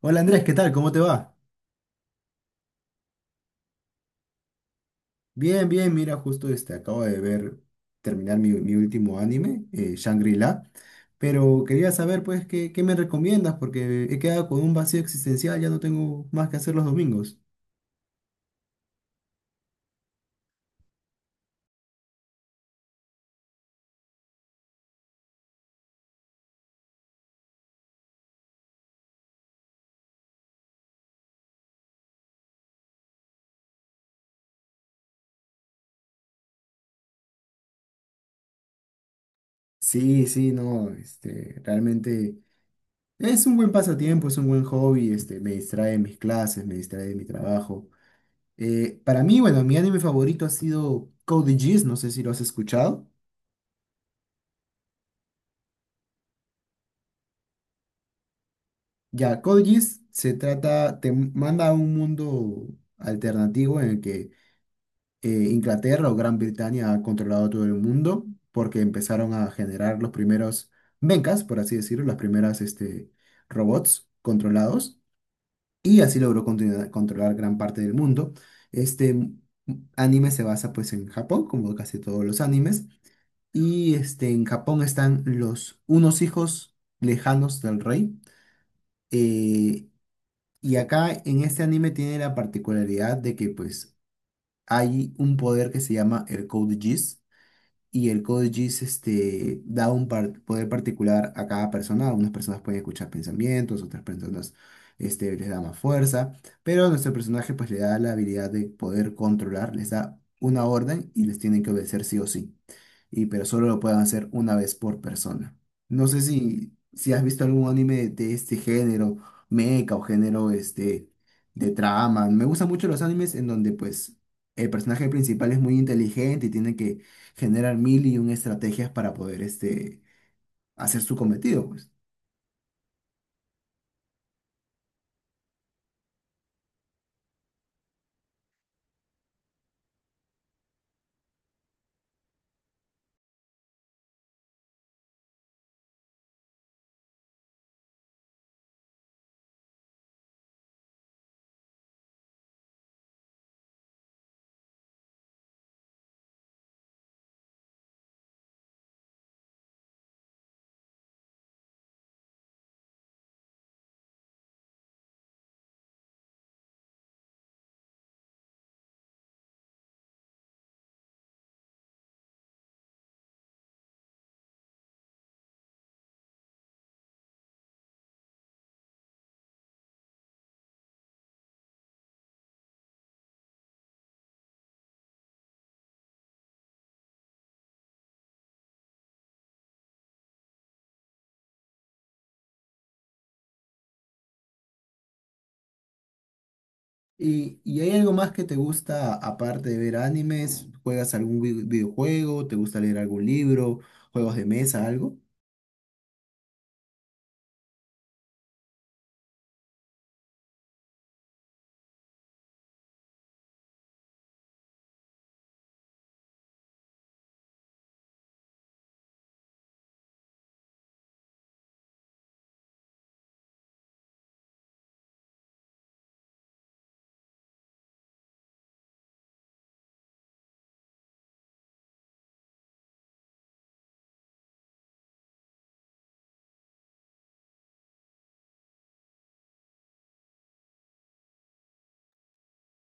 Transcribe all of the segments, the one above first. Hola Andrés, ¿qué tal? ¿Cómo te va? Bien, bien, mira, justo acabo de ver, terminar mi último anime, Shangri-La, pero quería saber pues qué me recomiendas porque he quedado con un vacío existencial, ya no tengo más que hacer los domingos. Sí, sí, no, realmente es un buen pasatiempo, es un buen hobby, me distrae de mis clases, me distrae de mi trabajo. Para mí, bueno, mi anime favorito ha sido Code Geass, no sé si lo has escuchado. Ya, Code Geass se trata, te manda a un mundo alternativo en el que Inglaterra o Gran Bretaña ha controlado todo el mundo porque empezaron a generar los primeros mechas, por así decirlo, las primeras robots controlados y así controlar gran parte del mundo. Este anime se basa pues en Japón, como casi todos los animes, y en Japón están los unos hijos lejanos del rey, eh, y acá en este anime tiene la particularidad de que pues hay un poder que se llama el Code Geass, y el code GIS, da poder particular a cada persona. Algunas personas pueden escuchar pensamientos, otras personas, les da más fuerza, pero a nuestro personaje pues le da la habilidad de poder controlar, les da una orden y les tienen que obedecer sí o sí. Y pero solo lo pueden hacer una vez por persona. No sé si has visto algún anime de este género, mecha o género, de trama. Me gustan mucho los animes en donde pues el personaje principal es muy inteligente y tiene que generar mil y un estrategias para poder, hacer su cometido, pues. Y hay algo más que te gusta aparte de ver animes? ¿Juegas algún videojuego? ¿Te gusta leer algún libro? ¿Juegos de mesa? ¿Algo?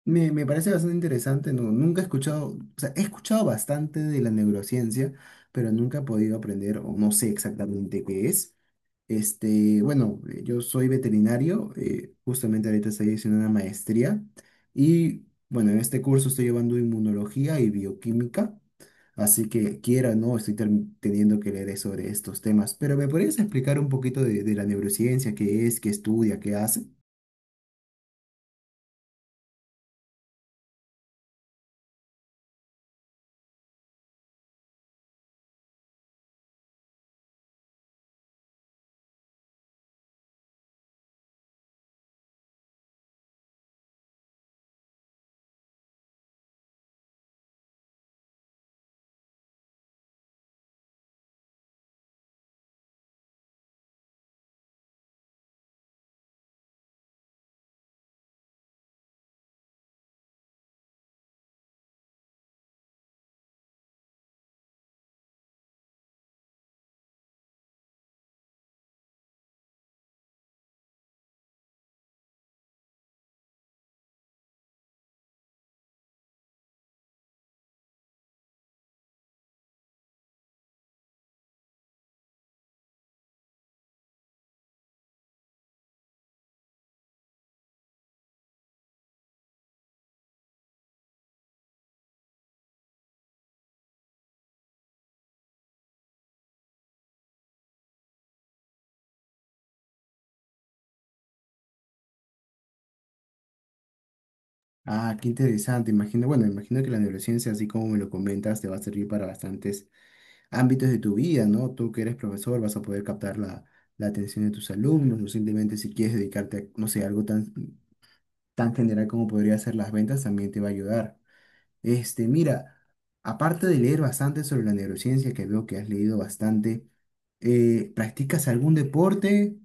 Me parece bastante interesante, no, nunca he escuchado, o sea, he escuchado bastante de la neurociencia, pero nunca he podido aprender o no sé exactamente qué es. Bueno, yo soy veterinario, justamente ahorita estoy haciendo una maestría y bueno, en este curso estoy llevando inmunología y bioquímica, así que quiera o no, estoy teniendo que leer sobre estos temas, pero ¿me podrías explicar un poquito de la neurociencia, qué es, qué estudia, qué hace? Ah, qué interesante, imagino, bueno, imagino que la neurociencia, así como me lo comentas, te va a servir para bastantes ámbitos de tu vida, ¿no? Tú que eres profesor vas a poder captar la atención de tus alumnos, o simplemente si quieres dedicarte a, no sé, algo tan, tan general como podría ser las ventas, también te va a ayudar. Mira, aparte de leer bastante sobre la neurociencia, que veo que has leído bastante, ¿practicas algún deporte?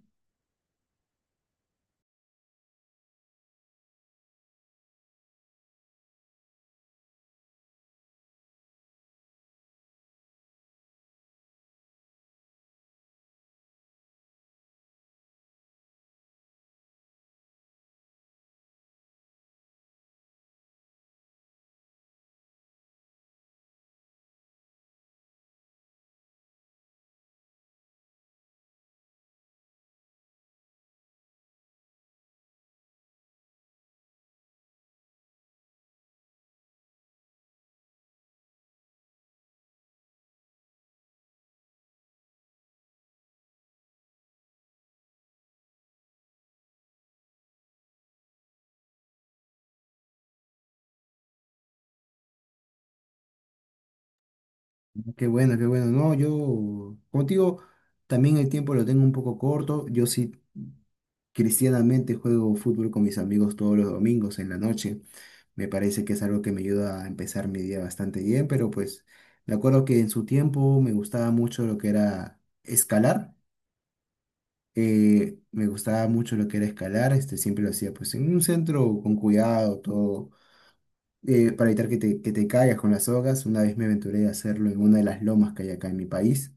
Qué bueno, qué bueno. No, yo contigo también el tiempo lo tengo un poco corto. Yo sí cristianamente juego fútbol con mis amigos todos los domingos en la noche. Me parece que es algo que me ayuda a empezar mi día bastante bien, pero pues me acuerdo que en su tiempo me gustaba mucho lo que era escalar. Me gustaba mucho lo que era escalar, siempre lo hacía pues en un centro con cuidado, todo, para evitar que te caigas con las sogas. Una vez me aventuré a hacerlo en una de las lomas que hay acá en mi país,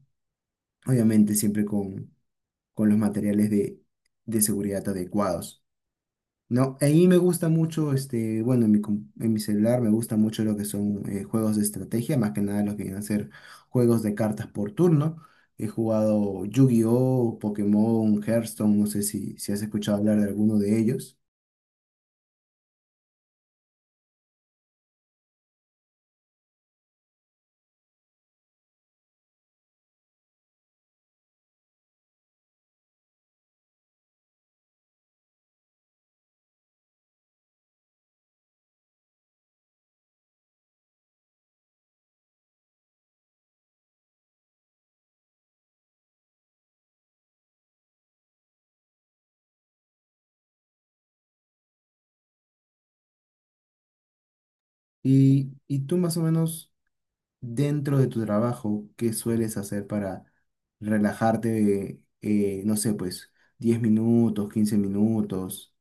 obviamente siempre con los materiales de seguridad adecuados. No, a mí me gusta mucho, bueno, en en mi celular me gusta mucho lo que son, juegos de estrategia, más que nada lo que vienen a ser juegos de cartas por turno. He jugado Yu-Gi-Oh, Pokémon, Hearthstone, no sé si has escuchado hablar de alguno de ellos. Y tú más o menos dentro de tu trabajo, ¿qué sueles hacer para relajarte, no sé, pues 10 minutos, 15 minutos?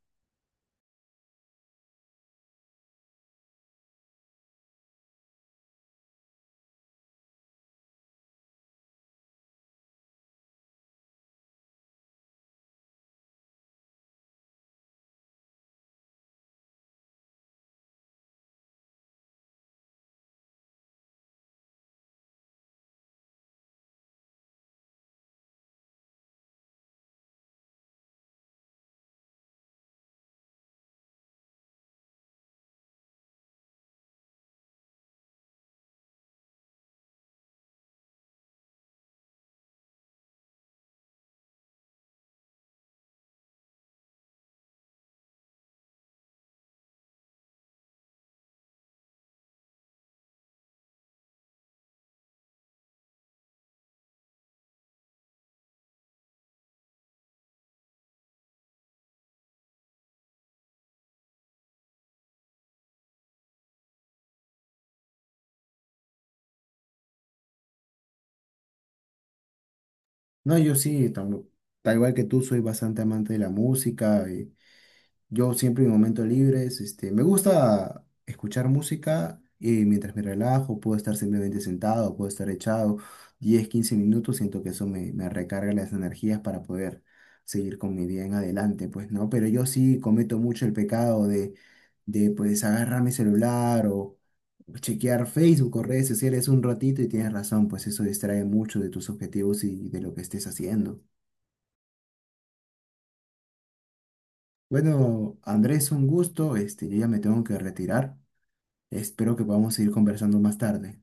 No, yo sí, tal igual que tú, soy bastante amante de la música. Yo siempre en momentos libres, me gusta escuchar música y mientras me relajo, puedo estar simplemente sentado, puedo estar echado 10, 15 minutos, siento que me recarga las energías para poder seguir con mi día en adelante, pues, ¿no? Pero yo sí cometo mucho el pecado de, agarrar mi celular o chequear Facebook o redes sociales un ratito y tienes razón, pues eso distrae mucho de tus objetivos y de lo que estés haciendo. Bueno, Andrés, un gusto, yo ya me tengo que retirar. Espero que podamos seguir conversando más tarde.